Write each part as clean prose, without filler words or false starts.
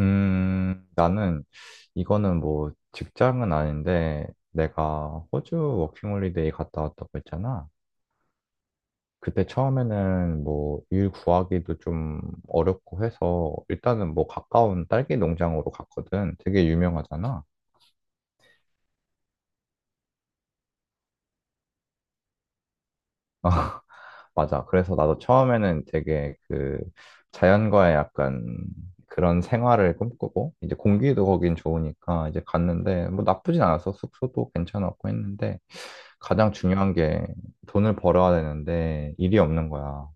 나는 이거는 뭐 직장은 아닌데 내가 호주 워킹홀리데이 갔다 왔다고 했잖아. 그때 처음에는 뭐 일 구하기도 좀 어렵고 해서 일단은 뭐 가까운 딸기 농장으로 갔거든. 되게 유명하잖아. 맞아. 그래서 나도 처음에는 되게 그 자연과의 약간 그런 생활을 꿈꾸고 이제 공기도 거긴 좋으니까 이제 갔는데 뭐 나쁘진 않았어. 숙소도 괜찮았고 했는데 가장 중요한 게 돈을 벌어야 되는데 일이 없는 거야.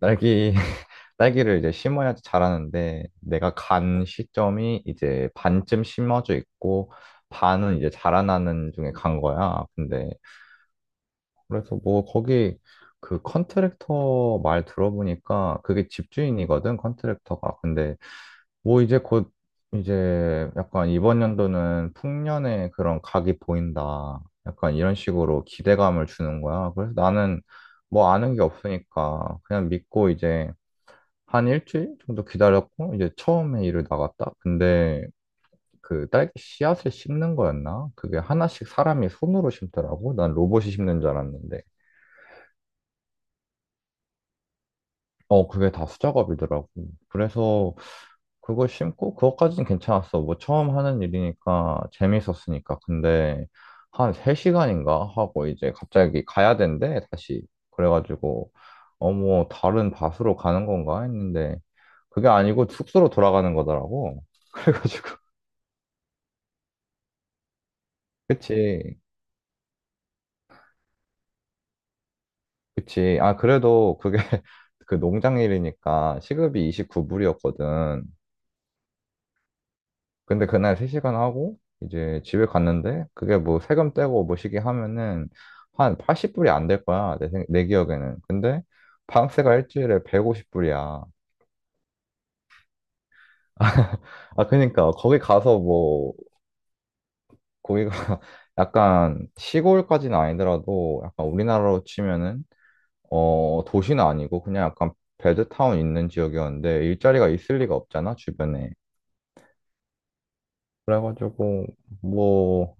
딸기 딸기를 이제 심어야지 자라는데 내가 간 시점이 이제 반쯤 심어져 있고 반은 이제 자라나는 중에 간 거야. 근데 그래서 뭐 거기 그 컨트랙터 말 들어보니까 그게 집주인이거든, 컨트랙터가. 근데 뭐 이제 곧 이제 약간 이번 연도는 풍년의 그런 각이 보인다. 약간 이런 식으로 기대감을 주는 거야. 그래서 나는 뭐 아는 게 없으니까 그냥 믿고 이제 한 일주일 정도 기다렸고 이제 처음에 일을 나갔다. 근데 그 딸기 씨앗을 심는 거였나? 그게 하나씩 사람이 손으로 심더라고. 난 로봇이 심는 줄 알았는데. 어, 그게 다 수작업이더라고. 그래서 그걸 심고 그것까지는 괜찮았어. 뭐 처음 하는 일이니까 재밌었으니까. 근데 한 3시간인가 하고 이제 갑자기 가야 된대, 다시. 그래가지고 어, 뭐 다른 밭으로 가는 건가 했는데 그게 아니고 숙소로 돌아가는 거더라고. 그래가지고 그치, 그치. 아, 그래도 그게 그 농장 일이니까 시급이 29불이었거든. 근데 그날 3시간 하고 이제 집에 갔는데 그게 뭐 세금 떼고 뭐 시기 하면은 한 80불이 안 될 거야. 내, 내 기억에는. 근데 방세가 일주일에 150불이야. 아, 그러니까 거기 가서 뭐 거기가 약간 시골까지는 아니더라도 약간 우리나라로 치면은 어, 도시는 아니고 그냥 약간 배드타운 있는 지역이었는데 일자리가 있을 리가 없잖아, 주변에. 그래가지고 뭐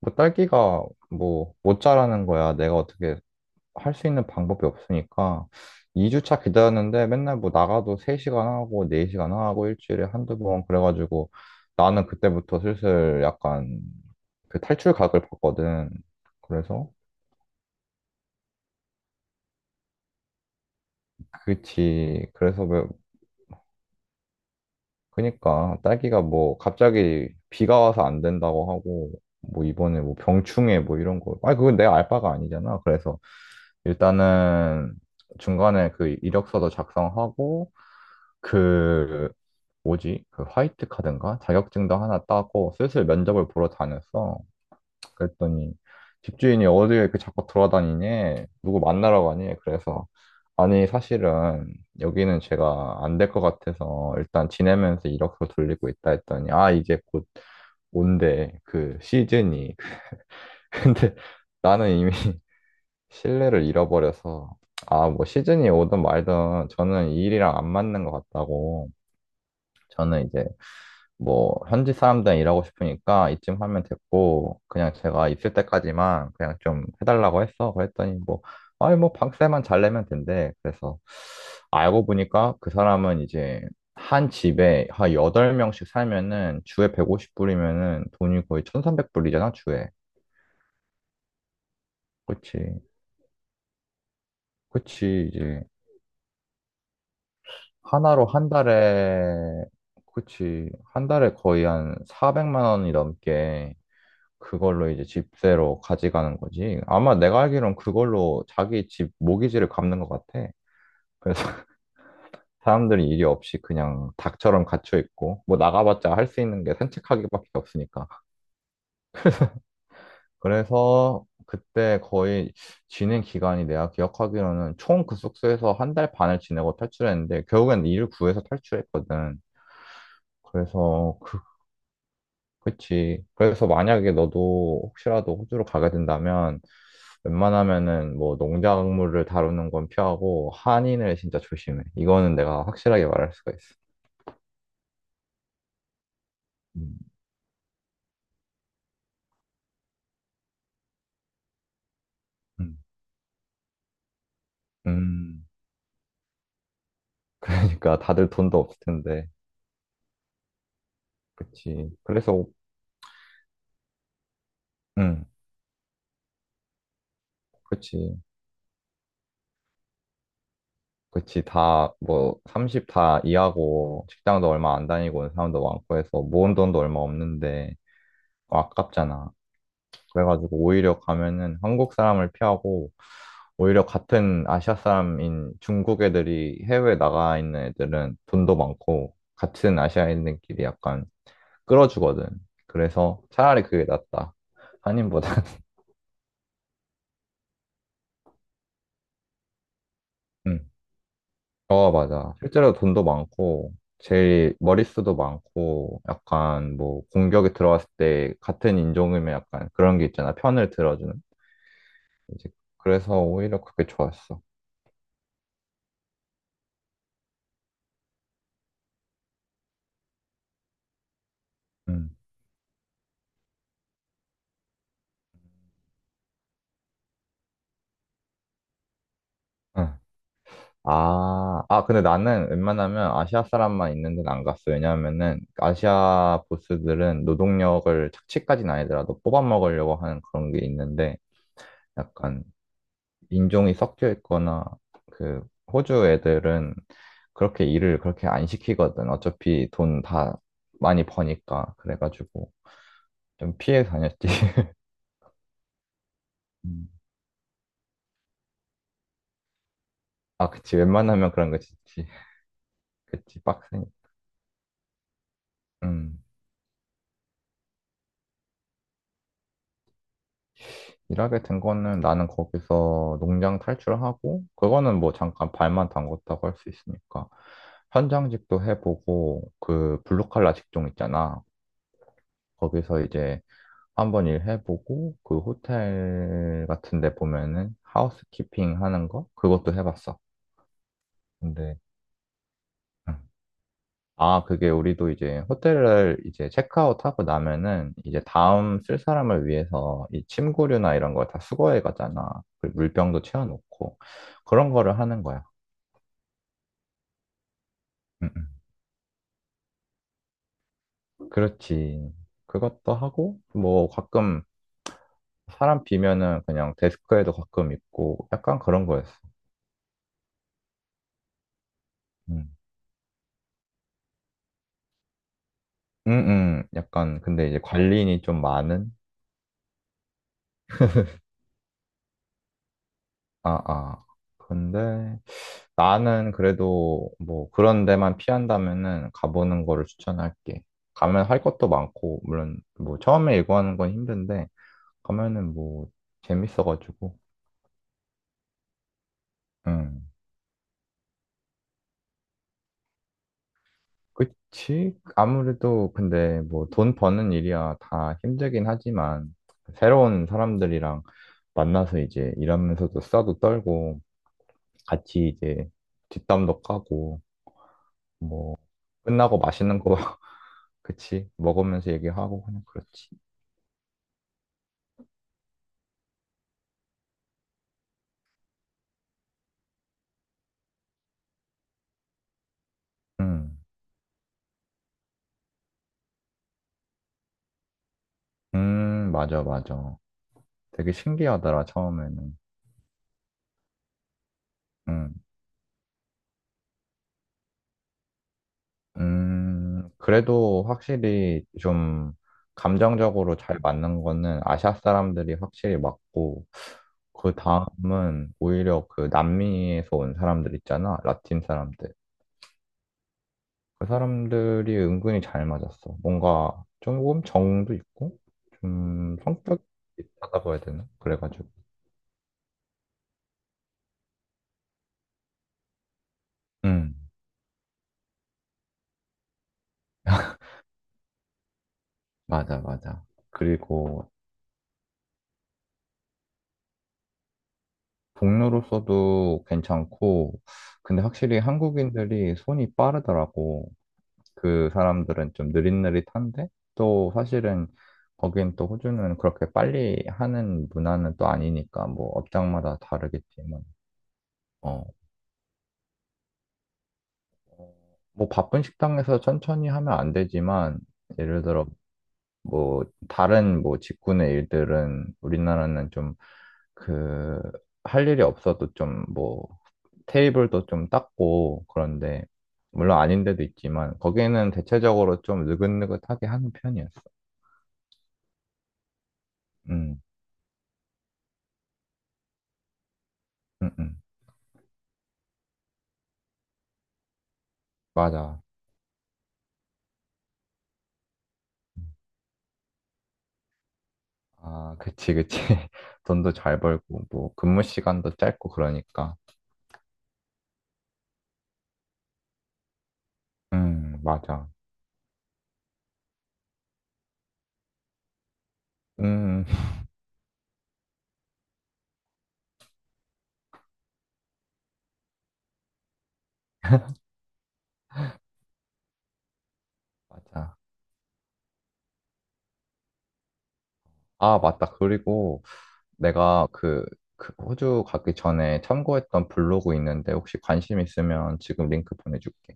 뭐 딸기가 뭐 못 자라는 거야. 내가 어떻게 할 수 있는 방법이 없으니까 2주차 기다렸는데 맨날 뭐 나가도 3시간 하고 4시간 하고 일주일에 한두 번 그래가지고 나는 그때부터 슬슬 약간 그 탈출각을 봤거든. 그래서 그치. 그래서 왜 그니까 딸기가 뭐 갑자기 비가 와서 안 된다고 하고 뭐 이번에 뭐 병충해 뭐 이런 거. 아니 그건 내가 알 바가 아니잖아. 그래서 일단은 중간에 그 이력서도 작성하고 그 뭐지? 그 화이트 카드인가? 자격증도 하나 따고 슬슬 면접을 보러 다녔어. 그랬더니 집주인이 어디에 이렇게 자꾸 돌아다니니? 누구 만나러 가니? 그래서 아니 사실은 여기는 제가 안 될 것 같아서 일단 지내면서 이력서 돌리고 있다 했더니 아 이제 곧 온대 그 시즌이 근데 나는 이미 신뢰를 잃어버려서 아 뭐 시즌이 오든 말든 저는 이 일이랑 안 맞는 것 같다고 저는 이제 뭐 현지 사람들이랑 일하고 싶으니까 이쯤 하면 됐고 그냥 제가 있을 때까지만 그냥 좀 해달라고 했어. 그랬더니 뭐 아니 뭐 방세만 잘 내면 된대. 그래서 알고 보니까 그 사람은 이제 한 집에 한 8명씩 살면은 주에 150불이면은 돈이 거의 1300불이잖아, 주에. 그치. 그치. 이제 하나로 한 달에 그치. 한 달에 거의 한 400만 원이 넘게 그걸로 이제 집세로 가져가는 거지. 아마 내가 알기론 그걸로 자기 집 모기지를 갚는 것 같아. 그래서 사람들이 일이 없이 그냥 닭처럼 갇혀 있고, 뭐 나가봤자 할 수 있는 게 산책하기밖에 없으니까. 그래서 그때 거의 지낸 기간이 내가 기억하기로는 총 그 숙소에서 한 달 반을 지내고 탈출했는데, 결국엔 일을 구해서 탈출했거든. 그래서 그, 그치. 그래서 만약에 너도 혹시라도 호주로 가게 된다면, 웬만하면은 뭐 농작물을 다루는 건 피하고 한인을 진짜 조심해. 이거는 내가 확실하게 말할 수가 있어. 음, 음. 음, 그러니까 다들 돈도 없을 텐데, 그치. 그래서, 음, 그치. 그치. 다, 뭐, 30 다 이하고, 직장도 얼마 안 다니고 온 사람도 많고 해서, 모은 돈도 얼마 없는데, 아깝잖아. 그래가지고, 오히려 가면은 한국 사람을 피하고, 오히려 같은 아시아 사람인 중국 애들이 해외에 나가 있는 애들은 돈도 많고 같은 아시아인들끼리 약간 끌어주거든. 그래서 차라리 그게 낫다. 한인보다는. 응. 어, 맞아. 실제로 돈도 많고 제일 머릿수도 많고 약간 뭐 공격이 들어왔을 때 같은 인종이면 약간 그런 게 있잖아. 편을 들어주는. 이제 그래서 오히려 그게 좋았어. 응. 응. 아, 아, 근데 나는 웬만하면 아시아 사람만 있는 데는 안 갔어. 왜냐하면은 아시아 보스들은 노동력을 착취까지는 아니더라도 뽑아 먹으려고 하는 그런 게 있는데 약간 인종이 섞여 있거나 그 호주 애들은 그렇게 일을 그렇게 안 시키거든. 어차피 돈 다 많이 버니까. 그래가지고 좀 피해 다녔지. 음. 아, 그치. 웬만하면 그런 거 진짜. 그치. 빡세니. 음. 일하게 된 거는 나는 거기서 농장 탈출하고, 그거는 뭐 잠깐 발만 담궜다고 할 수 있으니까. 현장직도 해보고, 그 블루칼라 직종 있잖아. 거기서 이제 한번 일해보고, 그 호텔 같은 데 보면은 하우스키핑 하는 거? 그것도 해봤어. 근데 응. 아, 그게 우리도 이제 호텔을 이제 체크아웃하고 나면은 이제 다음 쓸 사람을 위해서 이 침구류나 이런 걸 다 수거해 가잖아. 그 물병도 채워놓고 그런 거를 하는 거야. 음, 그렇지. 그것도 하고 뭐 가끔 사람 비면은 그냥 데스크에도 가끔 있고 약간 그런 거였어. 음, 음, 약간 근데 이제 관리인이 좀 많은 아, 아. 근데 나는 그래도 뭐 그런 데만 피한다면은 가보는 거를 추천할게. 가면 할 것도 많고, 물론 뭐 처음에 일과하는 건 힘든데, 가면은 뭐 재밌어가지고. 응. 그치? 아무래도 근데 뭐 돈 버는 일이야 다 힘들긴 하지만, 새로운 사람들이랑 만나서 이제 일하면서도 싸도 떨고, 같이 이제 뒷담도 까고, 뭐 끝나고 맛있는 거 그치? 먹으면서 얘기하고 그냥 그렇지. 음, 맞아, 맞아. 되게 신기하더라, 처음에는. 음, 그래도 확실히 좀 감정적으로 잘 맞는 거는 아시아 사람들이 확실히 맞고, 그 다음은 오히려 그 남미에서 온 사람들 있잖아, 라틴 사람들. 그 사람들이 은근히 잘 맞았어. 뭔가 조금 정도 있고, 좀 성격이 있다고 해야 되나? 그래가지고. 음. 맞아, 맞아. 그리고 동료로서도 괜찮고, 근데 확실히 한국인들이 손이 빠르더라고. 그 사람들은 좀 느릿느릿한데, 또 사실은 거긴 또 호주는 그렇게 빨리 하는 문화는 또 아니니까, 뭐 업장마다 다르겠지만, 어, 뭐 바쁜 식당에서 천천히 하면 안 되지만, 예를 들어 뭐 다른 뭐 직군의 일들은 우리나라는 좀 그 할 일이 없어도 좀 뭐 테이블도 좀 닦고 그런데 물론 아닌 데도 있지만 거기는 대체적으로 좀 느긋느긋하게 하는 편이었어. 음, 음, 음. 맞아. 아, 그치, 그치. 돈도 잘 벌고 뭐 근무 시간도 짧고 그러니까. 맞아. 음, 맞아. 아, 맞다. 그리고 내가 그, 그 호주 가기 전에 참고했던 블로그 있는데 혹시 관심 있으면 지금 링크 보내줄게.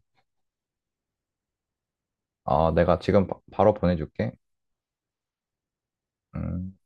아, 내가 지금 바, 로 보내줄게. 음.